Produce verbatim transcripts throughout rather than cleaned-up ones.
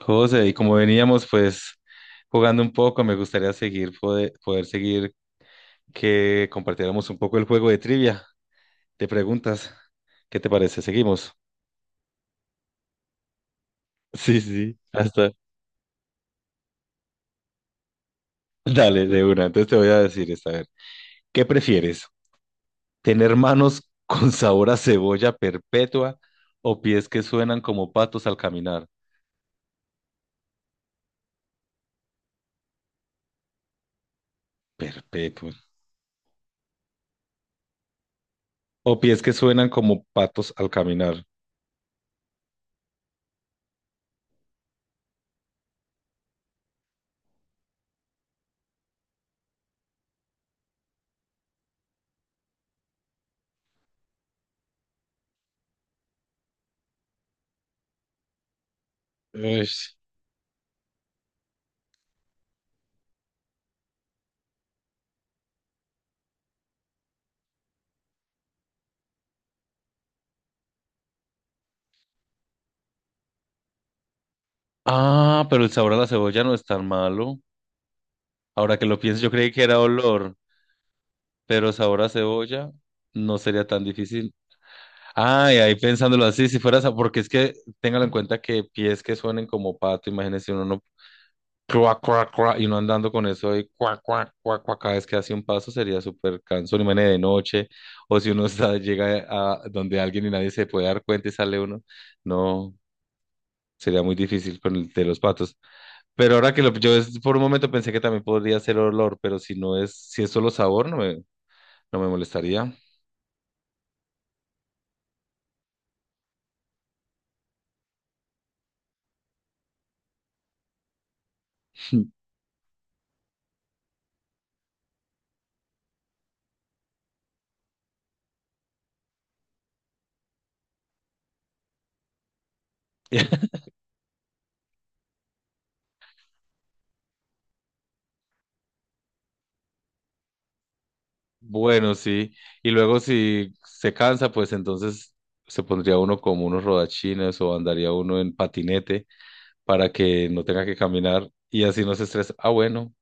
José, y como veníamos pues jugando un poco, me gustaría seguir poder, poder seguir que compartiéramos un poco el juego de trivia. De preguntas, ¿qué te parece? ¿Seguimos? Sí, sí, hasta. Dale, de una. Entonces te voy a decir esta, a ver. ¿Qué prefieres? ¿Tener manos con sabor a cebolla perpetua o pies que suenan como patos al caminar? Perpetua. O pies que suenan como patos al caminar. Ush. Ah, pero el sabor a la cebolla no es tan malo. Ahora que lo pienso, yo creí que era olor, pero sabor a cebolla no sería tan difícil. Ay, ahí pensándolo así, si fuera sa- porque es que téngalo en cuenta que pies que suenen como pato, imagínense uno no cuac, cuac, cuac, y uno andando con eso ahí, cuac, cuac, cuac, cuac, cada vez que hace un paso sería súper cansón, imagínense de noche, o si uno está, llega a donde alguien y nadie se puede dar cuenta y sale uno, no, sería muy difícil con el de los patos. Pero ahora que lo, yo es- por un momento pensé que también podría ser olor, pero si no es, si es solo sabor, no no me molestaría. Bueno, sí. Y luego si se cansa, pues entonces se pondría uno como unos rodachines o andaría uno en patinete para que no tenga que caminar y así no se estresa. Ah, bueno.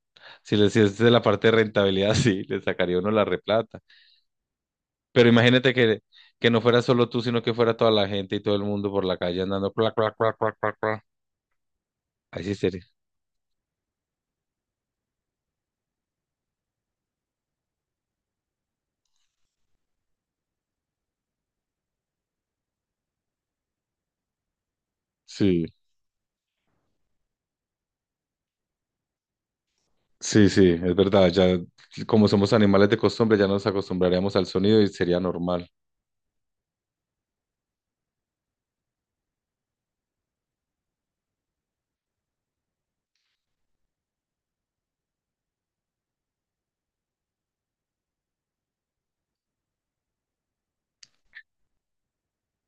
Si, le, si es de la parte de rentabilidad, sí, le sacaría uno la replata. Pero imagínate que, que no fuera solo tú, sino que fuera toda la gente y todo el mundo por la calle andando, clac, clac, clac, clac, clac, clac. Ahí sí sería. Sí. Sí, sí, es verdad. Ya como somos animales de costumbre, ya nos acostumbraríamos al sonido y sería normal.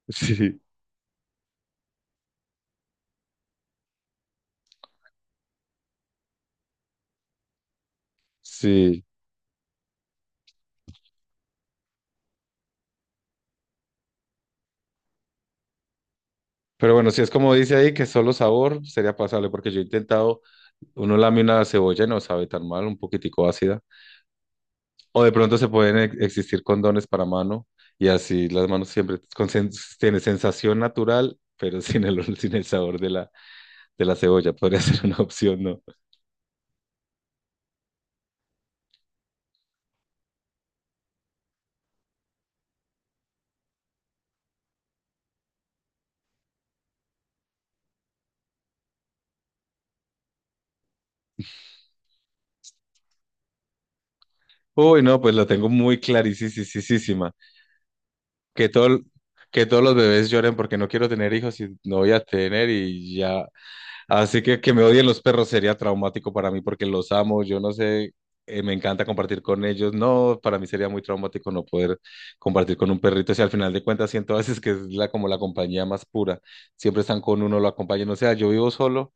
Sí, sí. Pero bueno, si es como dice ahí, que solo sabor sería pasable, porque yo he intentado, uno lame una cebolla y no sabe tan mal, un poquitico ácida. O de pronto se pueden ex- existir condones para mano y así las manos siempre con sen- tiene sensación natural, pero sin el, ol- sin el sabor de la, de la cebolla. Podría ser una opción, ¿no? Uy, no, pues la tengo muy clarísima. Que todo, que todos los bebés lloren porque no quiero tener hijos y no voy a tener y ya. Así que que me odien los perros sería traumático para mí porque los amo, yo no sé, eh, me encanta compartir con ellos. No, para mí sería muy traumático no poder compartir con un perrito. Si al final de cuentas siento a veces que es la, como la compañía más pura. Siempre están con uno, lo acompañan. O sea, yo vivo solo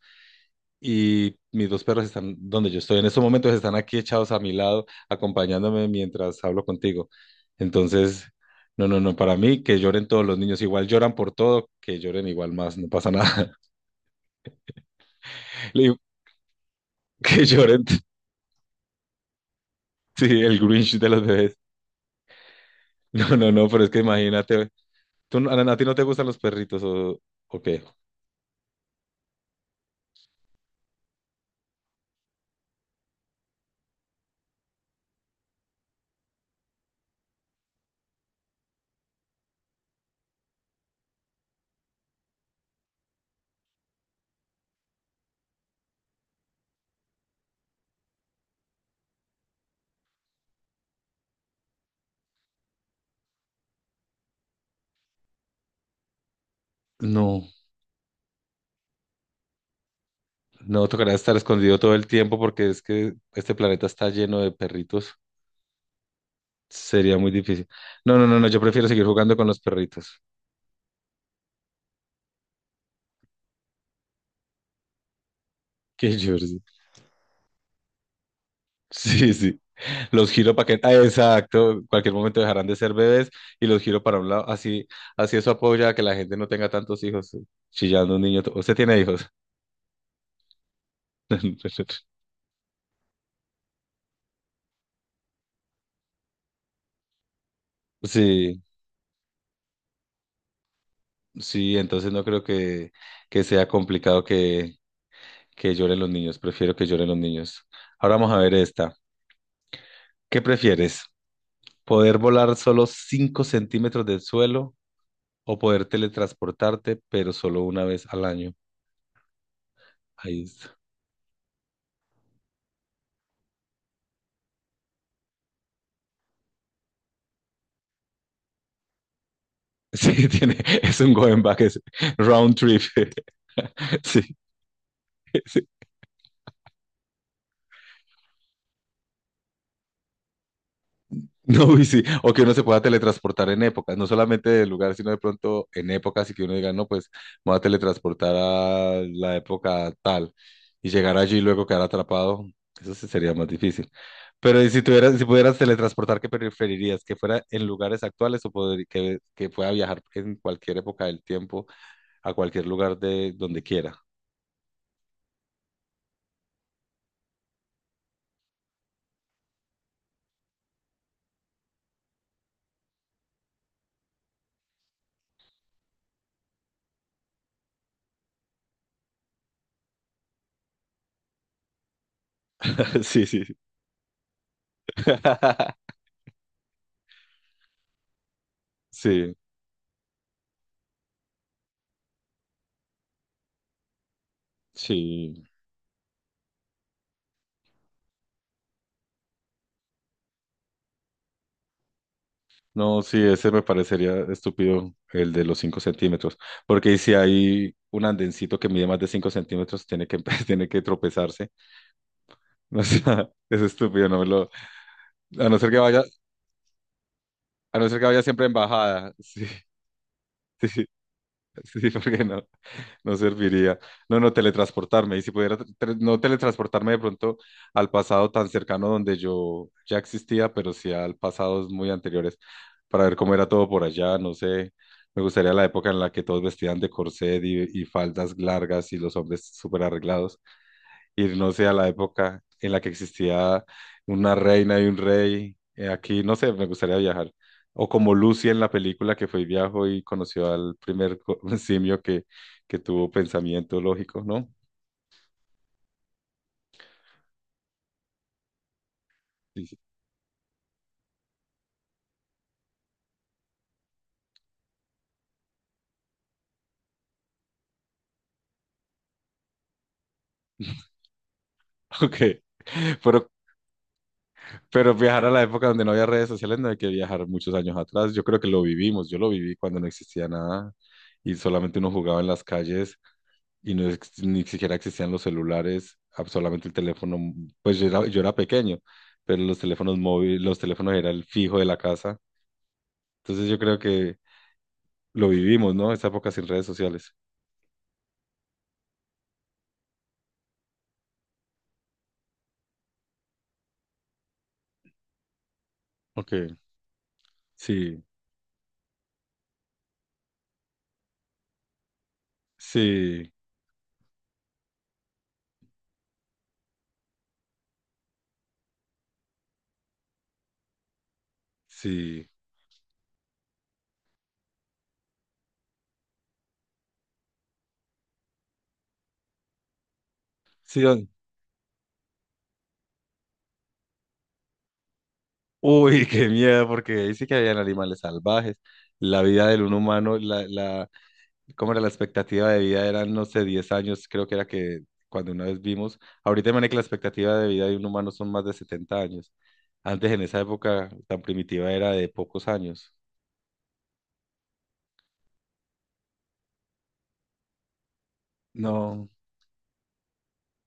y mis dos perros están donde yo estoy. En estos momentos están aquí echados a mi lado, acompañándome mientras hablo contigo. Entonces, no, no, no, para mí que lloren todos los niños, igual lloran por todo, que lloren igual más, no pasa nada. Le digo, que lloren. Sí, el Grinch de los bebés. No, no, no, pero es que imagínate, ¿tú, no- a, a ti no te gustan los perritos o, o qué? No, no, tocará estar escondido todo el tiempo porque es que este planeta está lleno de perritos. Sería muy difícil. No, no, no, no, yo prefiero seguir jugando con los perritos. Que llores. Sí, sí. Los giro para que, ah, exacto. Cualquier momento dejarán de ser bebés y los giro para un lado. Así, así eso apoya a que la gente no tenga tantos hijos. Chillando un niño. to- Usted tiene hijos. Sí, sí. Entonces no creo que, que sea complicado que, que lloren los niños. Prefiero que lloren los niños. Ahora vamos a ver esta. ¿Qué prefieres? ¿Poder volar solo cinco centímetros del suelo o poder teletransportarte, pero solo una vez al año? Ahí. Sí, tiene, es un going back, es round trip. Sí, sí. No, y sí, o que uno se pueda teletransportar en épocas, no solamente del lugar, sino de pronto en épocas y que uno diga, no, pues me voy a teletransportar a la época tal y llegar allí y luego quedar atrapado, eso sí sería más difícil. Pero ¿y si tuvieras, si pudieras teletransportar, ¿qué preferirías? ¿Que fuera en lugares actuales o poder- que, que pueda viajar en cualquier época del tiempo a cualquier lugar de donde quiera? Sí, sí. Sí. Sí, no, sí, ese me parecería estúpido, el de los cinco centímetros, porque si hay un andencito que mide más de cinco centímetros, tiene que, tiene que tropezarse, o sea, es estúpido, no me lo, a no ser que vaya, a no ser que vaya siempre en bajada. Sí, sí, sí, porque no, no serviría. No, no, teletransportarme. Y si pudiera tra- no teletransportarme de pronto al pasado tan cercano donde yo ya existía, pero sí al pasados muy anteriores, para ver cómo era todo por allá, no sé. Me gustaría la época en la que todos vestían de corset y, y faldas largas y los hombres súper arreglados, ir, no sé, a la época en la que existía una reina y un rey. Eh, Aquí, no sé, me gustaría viajar. O como Lucy en la película que fue y viajó y conoció al primer co- simio que, que tuvo pensamiento lógico, ¿no? Sí, sí. Ok. Pero, pero viajar a la época donde no había redes sociales no hay que viajar muchos años atrás. Yo creo que lo vivimos, yo lo viví cuando no existía nada y solamente uno jugaba en las calles y no, ex- ni siquiera existían los celulares, ah, solamente el teléfono, pues yo era, yo era pequeño, pero los teléfonos móviles, los teléfonos era el fijo de la casa. Entonces yo creo que lo vivimos, ¿no? Esa época sin redes sociales. Ok, sí, sí, sí, sí. don- Uy, qué miedo, porque ahí sí que habían animales salvajes. La vida del un humano, la, la, ¿cómo era la expectativa de vida? Eran, no sé, diez años, creo que era que cuando una vez vimos. Ahorita, imagínate que la expectativa de vida de un humano son más de setenta años. Antes, en esa época tan primitiva, era de pocos años. No,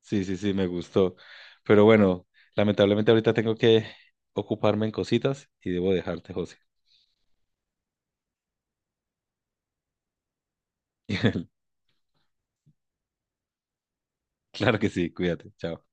sí, sí, sí, me gustó. Pero bueno, lamentablemente ahorita tengo que ocuparme en cositas y debo dejarte, José. Claro que sí, cuídate, chao.